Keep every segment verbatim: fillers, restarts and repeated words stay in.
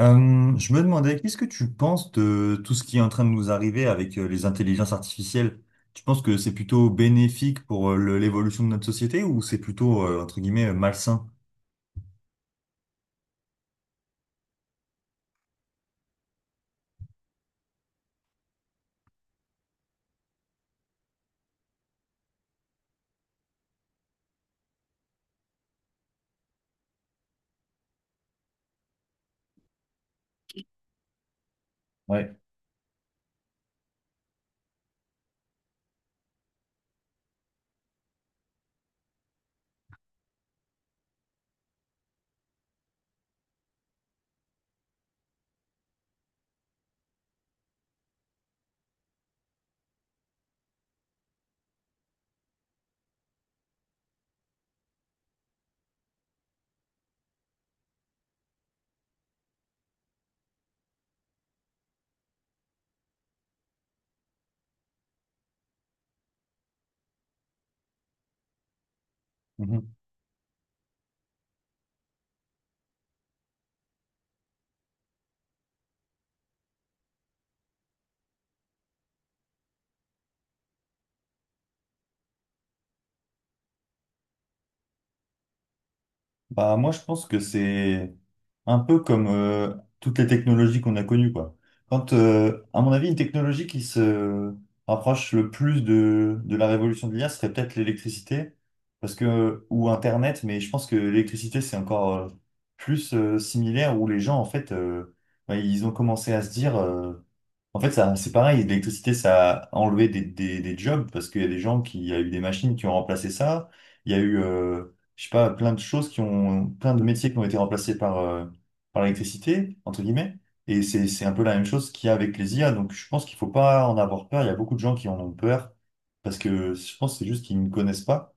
Euh, je me demandais, qu'est-ce que tu penses de tout ce qui est en train de nous arriver avec euh, les intelligences artificielles? Tu penses que c'est plutôt bénéfique pour euh, le- l'évolution de notre société ou c'est plutôt, euh, entre guillemets, euh, malsain? Ouais. Mhm. Bah, moi, je pense que c'est un peu comme euh, toutes les technologies qu'on a connues, quoi. Quand, euh, à mon avis, une technologie qui se rapproche le plus de, de la révolution de l'I A serait peut-être l'électricité, parce que, ou Internet, mais je pense que l'électricité, c'est encore euh, plus euh, similaire où les gens, en fait, euh, bah, ils ont commencé à se dire euh, en fait, ça, c'est pareil, l'électricité, ça a enlevé des, des, des jobs parce qu'il y a des gens qui, il y a eu des machines qui ont remplacé ça. Il y a eu, euh, je sais pas, plein de choses qui ont, plein de métiers qui ont été remplacés par, euh, par l'électricité, entre guillemets. Et c'est, c'est un peu la même chose qu'il y a avec les I A. Donc, je pense qu'il faut pas en avoir peur. Il y a beaucoup de gens qui en ont peur parce que je pense que c'est juste qu'ils ne connaissent pas.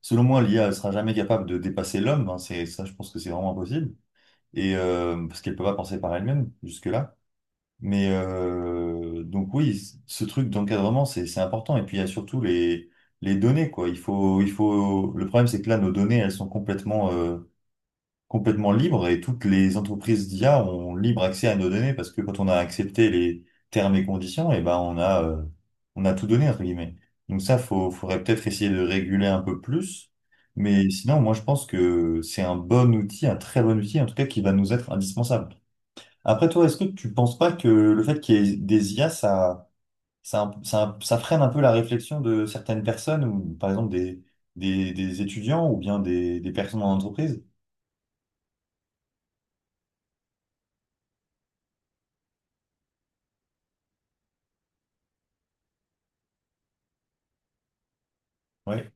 Selon moi, l'I A ne sera jamais capable de dépasser l'homme, hein. C'est ça, je pense que c'est vraiment impossible. Et euh, parce qu'elle peut pas penser par elle-même jusque-là. Mais euh, donc oui, c- ce truc d'encadrement, c'est c'est important. Et puis il y a surtout les, les données, quoi. Il faut, il faut... Le problème, c'est que là, nos données, elles sont complètement, euh, complètement libres et toutes les entreprises d'I A ont libre accès à nos données parce que quand on a accepté les termes et conditions, et ben on a, euh, on a tout donné, entre guillemets. Donc ça, faut, faudrait peut-être essayer de réguler un peu plus. Mais sinon, moi, je pense que c'est un bon outil, un très bon outil, en tout cas, qui va nous être indispensable. Après toi, est-ce que tu penses pas que le fait qu'il y ait des I A, ça, ça, ça, ça freine un peu la réflexion de certaines personnes, ou par exemple des, des, des étudiants ou bien des, des personnes en entreprise? Ouais.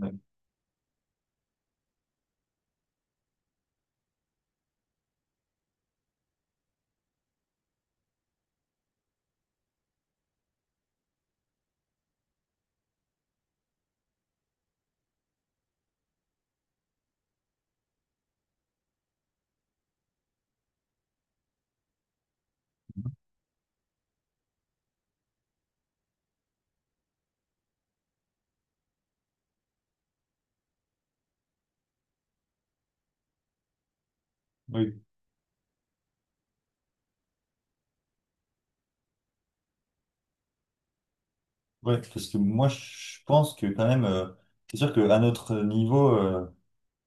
Ouais. Oui, ouais, parce que moi, je pense que quand même, euh, c'est sûr qu'à notre niveau, euh,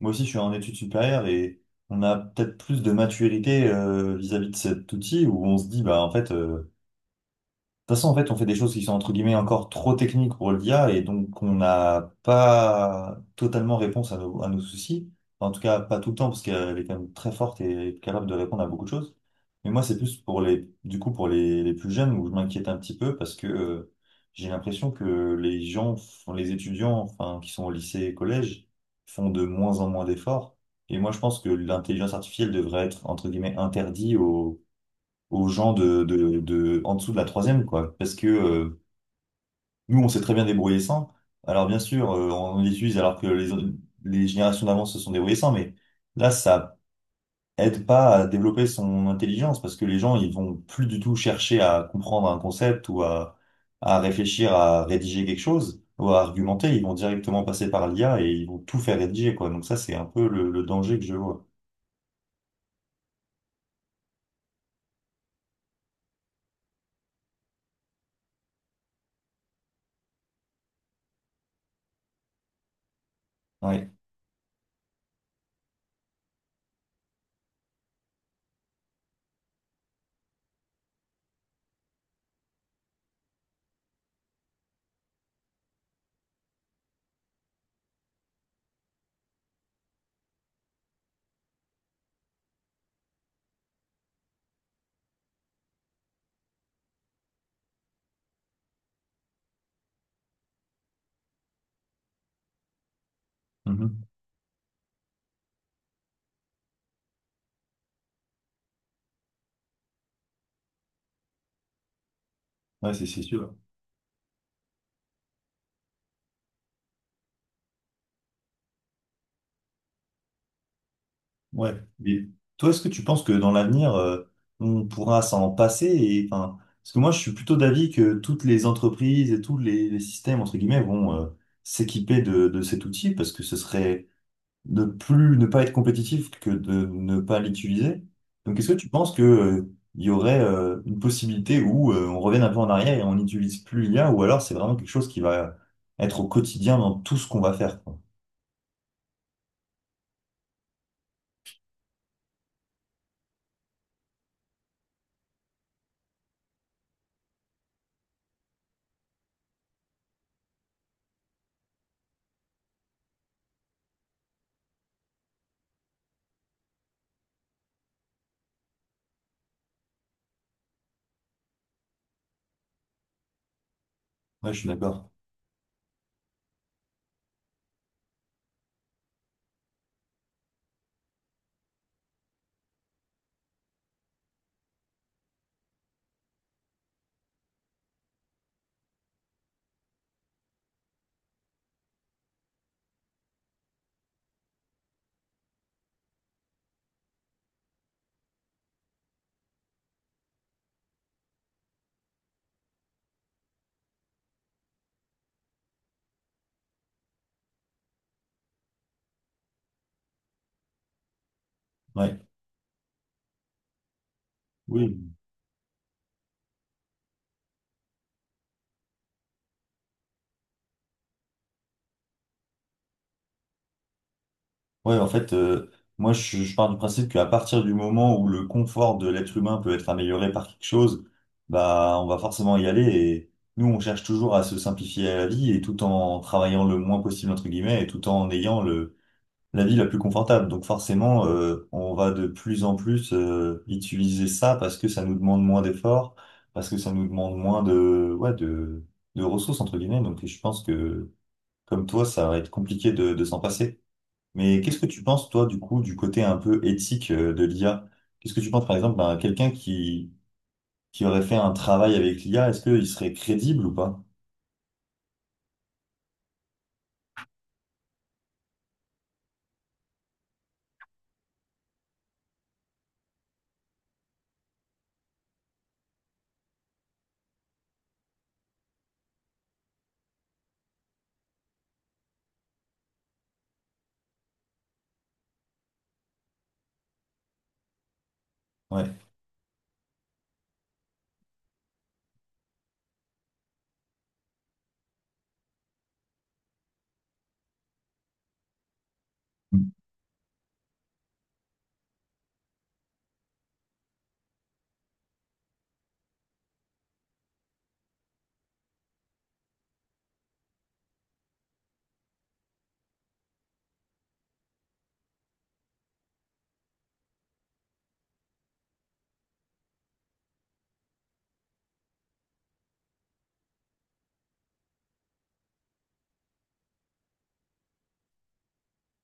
moi aussi, je suis en études supérieures et on a peut-être plus de maturité euh, vis-à-vis de cet outil où on se dit, bah en fait, euh, toute façon, en fait, on fait des choses qui sont entre guillemets encore trop techniques pour l'I A et donc on n'a pas totalement réponse à nos, à nos soucis. Enfin, en tout cas, pas tout le temps parce qu'elle est quand même très forte et capable de répondre à beaucoup de choses. Mais moi, c'est plus pour les, du coup, pour les, les plus jeunes où je m'inquiète un petit peu parce que euh, j'ai l'impression que les gens, font- les étudiants, enfin, qui sont au lycée et collège, font de moins en moins d'efforts. Et moi, je pense que l'intelligence artificielle devrait être entre guillemets interdite aux gens de, de, de en dessous de la troisième, quoi. Parce que euh, nous, on s'est très bien débrouillé sans. Alors bien sûr, euh, on les utilise alors que les, autres- les générations d'avant se sont débrouillées sans, mais là, ça aide pas à développer son intelligence parce que les gens, ils vont plus du tout chercher à comprendre un concept ou à, à réfléchir à rédiger quelque chose ou à argumenter. Ils vont directement passer par l'I A et ils vont tout faire rédiger, quoi. Donc ça, c'est un peu le, le danger que je vois. Ouais. Mhm. Ouais, c'est c'est sûr. Ouais. Mais toi, est-ce que tu penses que dans l'avenir, euh, on pourra s'en passer et, enfin, parce que moi, je suis plutôt d'avis que toutes les entreprises et tous les, les systèmes, entre guillemets, vont euh, s'équiper de, de cet outil parce que ce serait ne plus, ne pas être compétitif que de ne pas l'utiliser. Donc, est-ce que tu penses que, euh, il y aurait euh, une possibilité où euh, on revienne un peu en arrière et on n'utilise plus l'I A ou alors c'est vraiment quelque chose qui va être au quotidien dans tout ce qu'on va faire, quoi. Ouais, je suis d'accord. Ouais. Oui. Ouais, en fait, euh, moi, je, je pars du principe qu'à partir du moment où le confort de l'être humain peut être amélioré par quelque chose, bah, on va forcément y aller. Et nous, on cherche toujours à se simplifier la vie et tout en travaillant le moins possible, entre guillemets, et tout en ayant le, la vie la plus confortable. Donc, forcément, euh, on va de plus en plus, euh, utiliser ça parce que ça nous demande moins d'efforts, parce que ça nous demande moins de, ouais, de, de ressources, entre guillemets. Donc, je pense que, comme toi, ça va être compliqué de, de s'en passer. Mais qu'est-ce que tu penses, toi, du coup, du côté un peu éthique euh, de l'I A? Qu'est-ce que tu penses, par exemple, ben, quelqu'un qui, qui aurait fait un travail avec l'I A, est-ce qu'il serait crédible ou pas? Ouais.